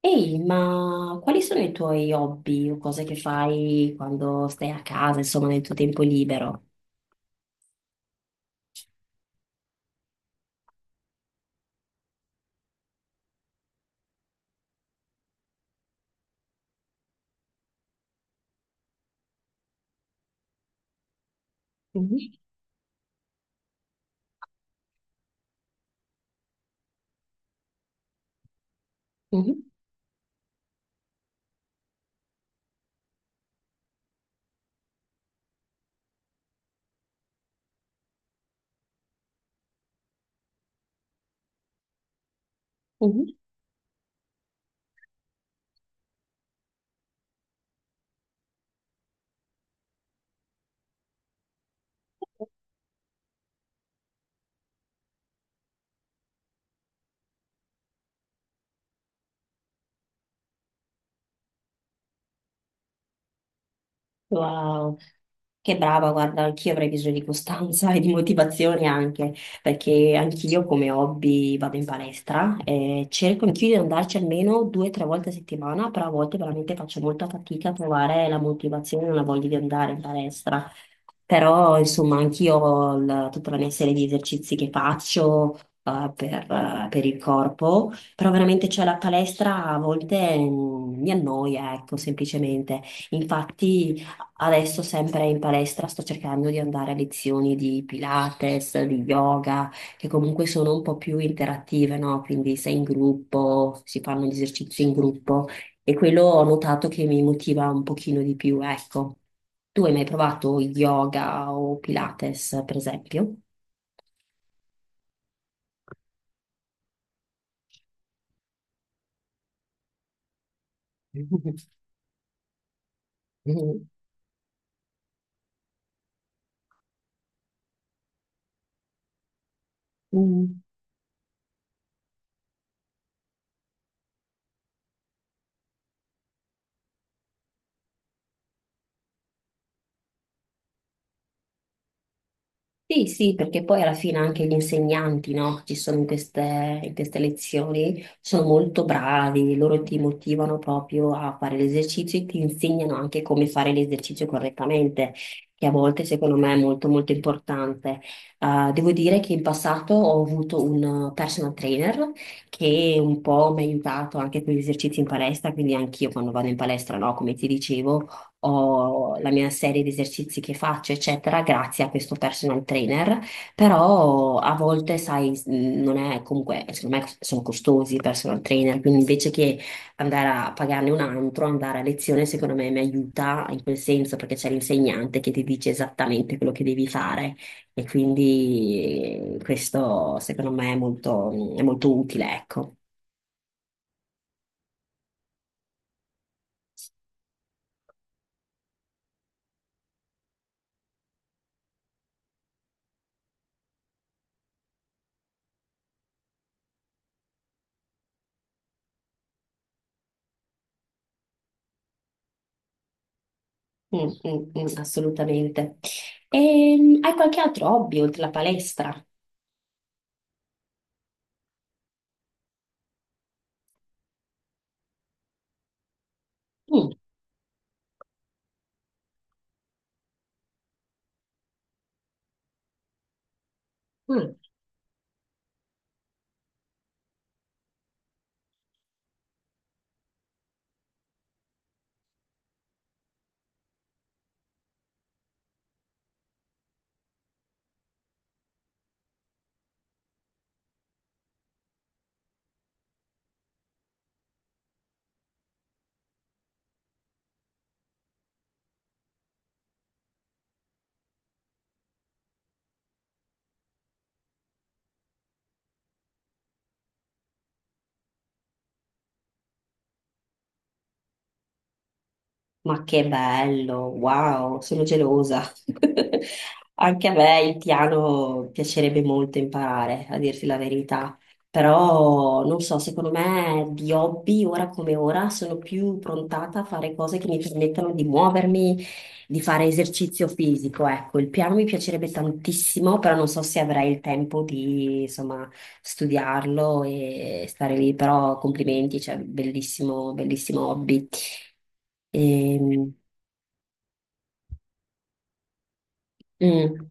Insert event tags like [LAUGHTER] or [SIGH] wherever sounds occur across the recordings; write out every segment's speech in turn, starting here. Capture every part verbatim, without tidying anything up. Ehi, ma quali sono i tuoi hobby o cose che fai quando stai a casa, insomma, nel tuo tempo libero? Mhm, mhm, mhm. Wow, che brava, guarda, anch'io avrei bisogno di costanza [LAUGHS] e di motivazione anche, perché anch'io come hobby vado in palestra e cerco anch'io di andarci almeno due o tre volte a settimana, però a volte veramente faccio molta fatica a trovare la motivazione e la voglia di andare in palestra. Però, insomma, anch'io ho il- tutta la mia serie di esercizi che faccio, eh, per, eh, per il corpo, però veramente c'è la palestra a volte mm, mi annoia, ecco, semplicemente. Infatti. Adesso sempre in palestra sto cercando di andare a lezioni di Pilates, di yoga, che comunque sono un po' più interattive, no? Quindi sei in gruppo, si fanno gli esercizi in gruppo e quello ho notato che mi motiva un pochino di più, ecco. Tu hai mai provato yoga o Pilates, per esempio? [LAUGHS] Mm. Sì, sì, perché poi alla fine anche gli insegnanti, no, che ci sono in queste, in queste lezioni, sono molto bravi, loro ti motivano proprio a fare l'esercizio e ti insegnano anche come fare l'esercizio correttamente, che a volte secondo me è molto molto importante. Eh, devo dire che in passato ho avuto un personal trainer che un po' mi ha aiutato anche con gli esercizi in palestra, quindi anch'io quando vado in palestra, no, come ti dicevo ho la mia serie di esercizi che faccio, eccetera, grazie a questo personal trainer, però a volte, sai, s- non è comunque, secondo me sono costosi i personal trainer, quindi invece che andare a pagarne un altro, andare a lezione, secondo me mi aiuta in quel senso, perché c'è l'insegnante che ti dice esattamente quello che devi fare e quindi eh, questo secondo me è molto, è molto utile, ecco. Mm, mm, mm, assolutamente. E, hai qualche altro hobby oltre la palestra? Mm, mm. Ma che bello, wow, sono gelosa. [LAUGHS] Anche a me il piano piacerebbe molto imparare, a dirti la verità. Però non so, secondo me di hobby, ora come ora, sono più prontata a fare cose che mi permettano di muovermi, di fare esercizio fisico, ecco, il piano mi piacerebbe tantissimo, però non so se avrei il tempo di, insomma, studiarlo e stare lì, però complimenti, cioè, bellissimo, bellissimo hobby. Ehm, mm,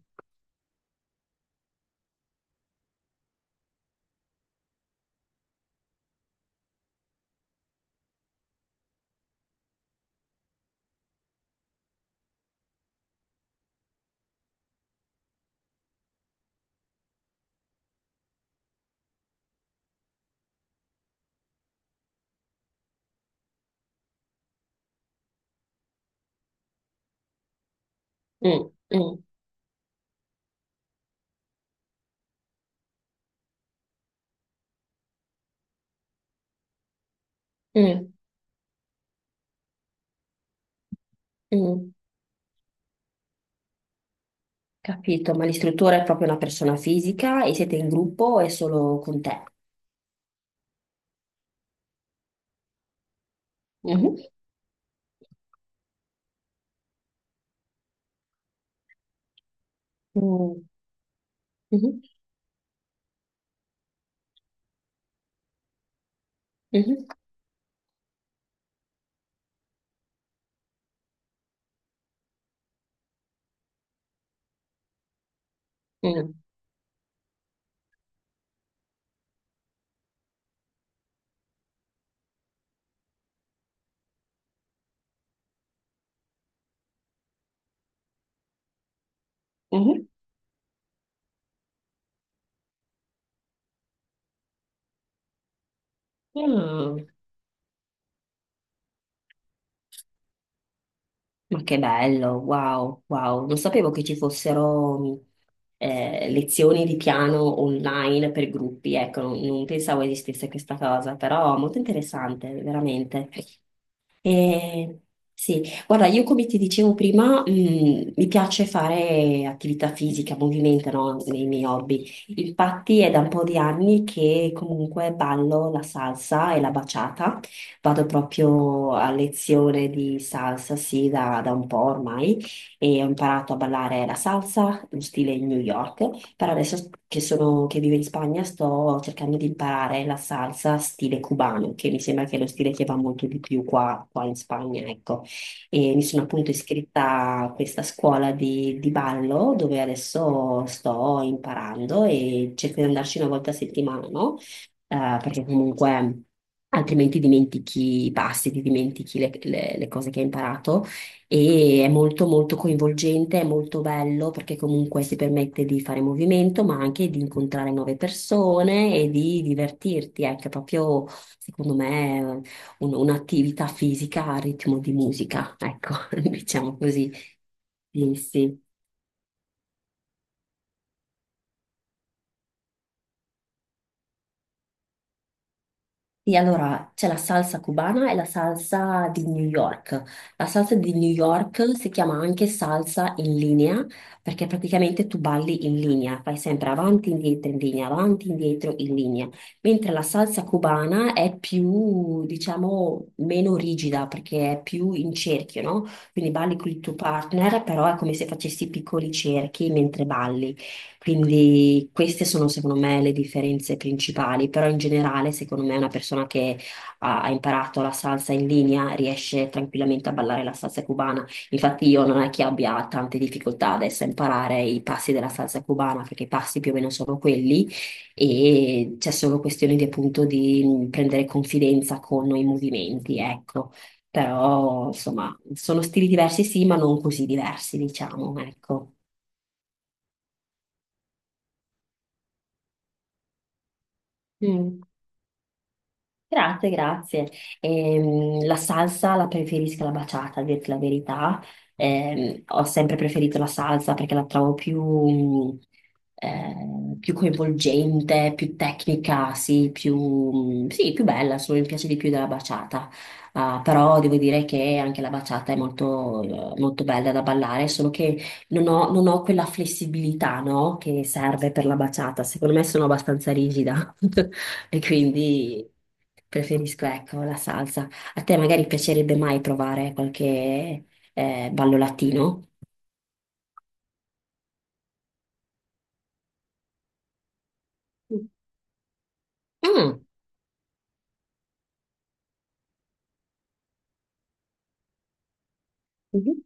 mm, mm, mm, mm. Capito, ma l'istruttore è proprio una persona fisica e siete in gruppo o è solo con te? Mhm. Mm, mhm, mhm, mm, mhm. Ah. Ma che bello, wow, wow. Non sapevo che ci fossero eh, lezioni di piano online per gruppi, ecco, non, non pensavo esistesse questa cosa, però molto interessante, veramente. Eh, sì, guarda, io come ti dicevo prima, mh, mi piace fare attività fisica, movimento, no? Nei miei hobby. Infatti è da un po' di anni che comunque ballo la salsa e la baciata. Vado proprio a lezione di salsa, sì, da, da un po' ormai, e ho imparato a ballare la salsa, lo stile New York. Però adesso che sono, che vivo in Spagna sto cercando di imparare la salsa stile cubano, che mi sembra che è lo stile che va molto di più qua, qua, in Spagna, ecco. E mi sono appunto iscritta a questa scuola di, di ballo dove adesso sto imparando e cerco di andarci una volta a settimana, no? Eh, perché comunque altrimenti dimentichi i passi, ti dimentichi le, le- le cose che hai imparato e è molto molto coinvolgente, è molto bello perché comunque si permette di fare movimento, ma anche di incontrare nuove persone e di divertirti. Ecco, è proprio, secondo me, un- un'attività fisica a ritmo di musica, ecco, [LAUGHS] diciamo così. Sì, sì. Sì, allora c'è la salsa cubana e la salsa di New York. La salsa di New York si chiama anche salsa in linea, perché praticamente tu balli in linea, fai sempre avanti, indietro, in linea, avanti, indietro, in linea. Mentre la salsa cubana è più, diciamo, meno rigida perché è più in cerchio, no? Quindi balli con il tuo partner, però è come se facessi piccoli cerchi mentre balli. Quindi queste sono secondo me le differenze principali, però in generale secondo me una persona che ha, ha imparato la salsa in linea riesce tranquillamente a ballare la salsa cubana. Infatti io non è che abbia tante difficoltà adesso a imparare i passi della salsa cubana, perché i passi più o meno sono quelli, e c'è solo questione di appunto di prendere confidenza con i movimenti, ecco. Però insomma sono stili diversi sì, ma non così diversi, diciamo, ecco. Mm. Grazie, grazie. Ehm, la salsa la preferisco la baciata, a dirti la verità. Ehm, ho sempre preferito la salsa perché la trovo più, mh, eh, più coinvolgente, più tecnica, sì, più, mh, sì, più bella, insomma, mi piace di più della baciata. Ah, però devo dire che anche la baciata è molto, eh, molto bella da ballare, solo che non ho, non ho quella flessibilità, no, che serve per la baciata. Secondo me sono abbastanza rigida. [LAUGHS] E quindi preferisco, ecco, la salsa. A te magari piacerebbe mai provare qualche eh, ballo latino? Mhm, Mm. Mhm,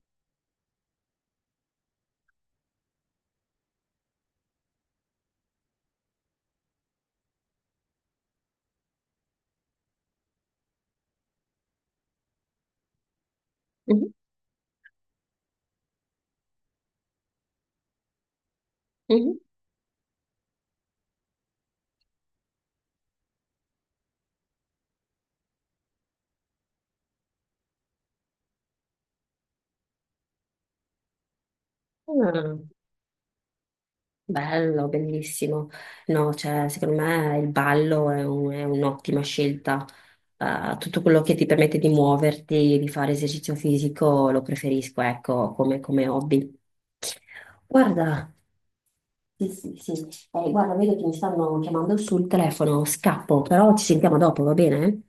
Mhm, mhm. Ah. Bello, bellissimo. No, cioè, secondo me il ballo è un- è un'ottima scelta. Eh, tutto quello che ti permette di muoverti, di fare esercizio fisico, lo preferisco, ecco, come, come hobby. Guarda, sì, sì, sì. Eh, guarda, vedo che mi stanno chiamando sul telefono, scappo, però ci sentiamo dopo, va bene?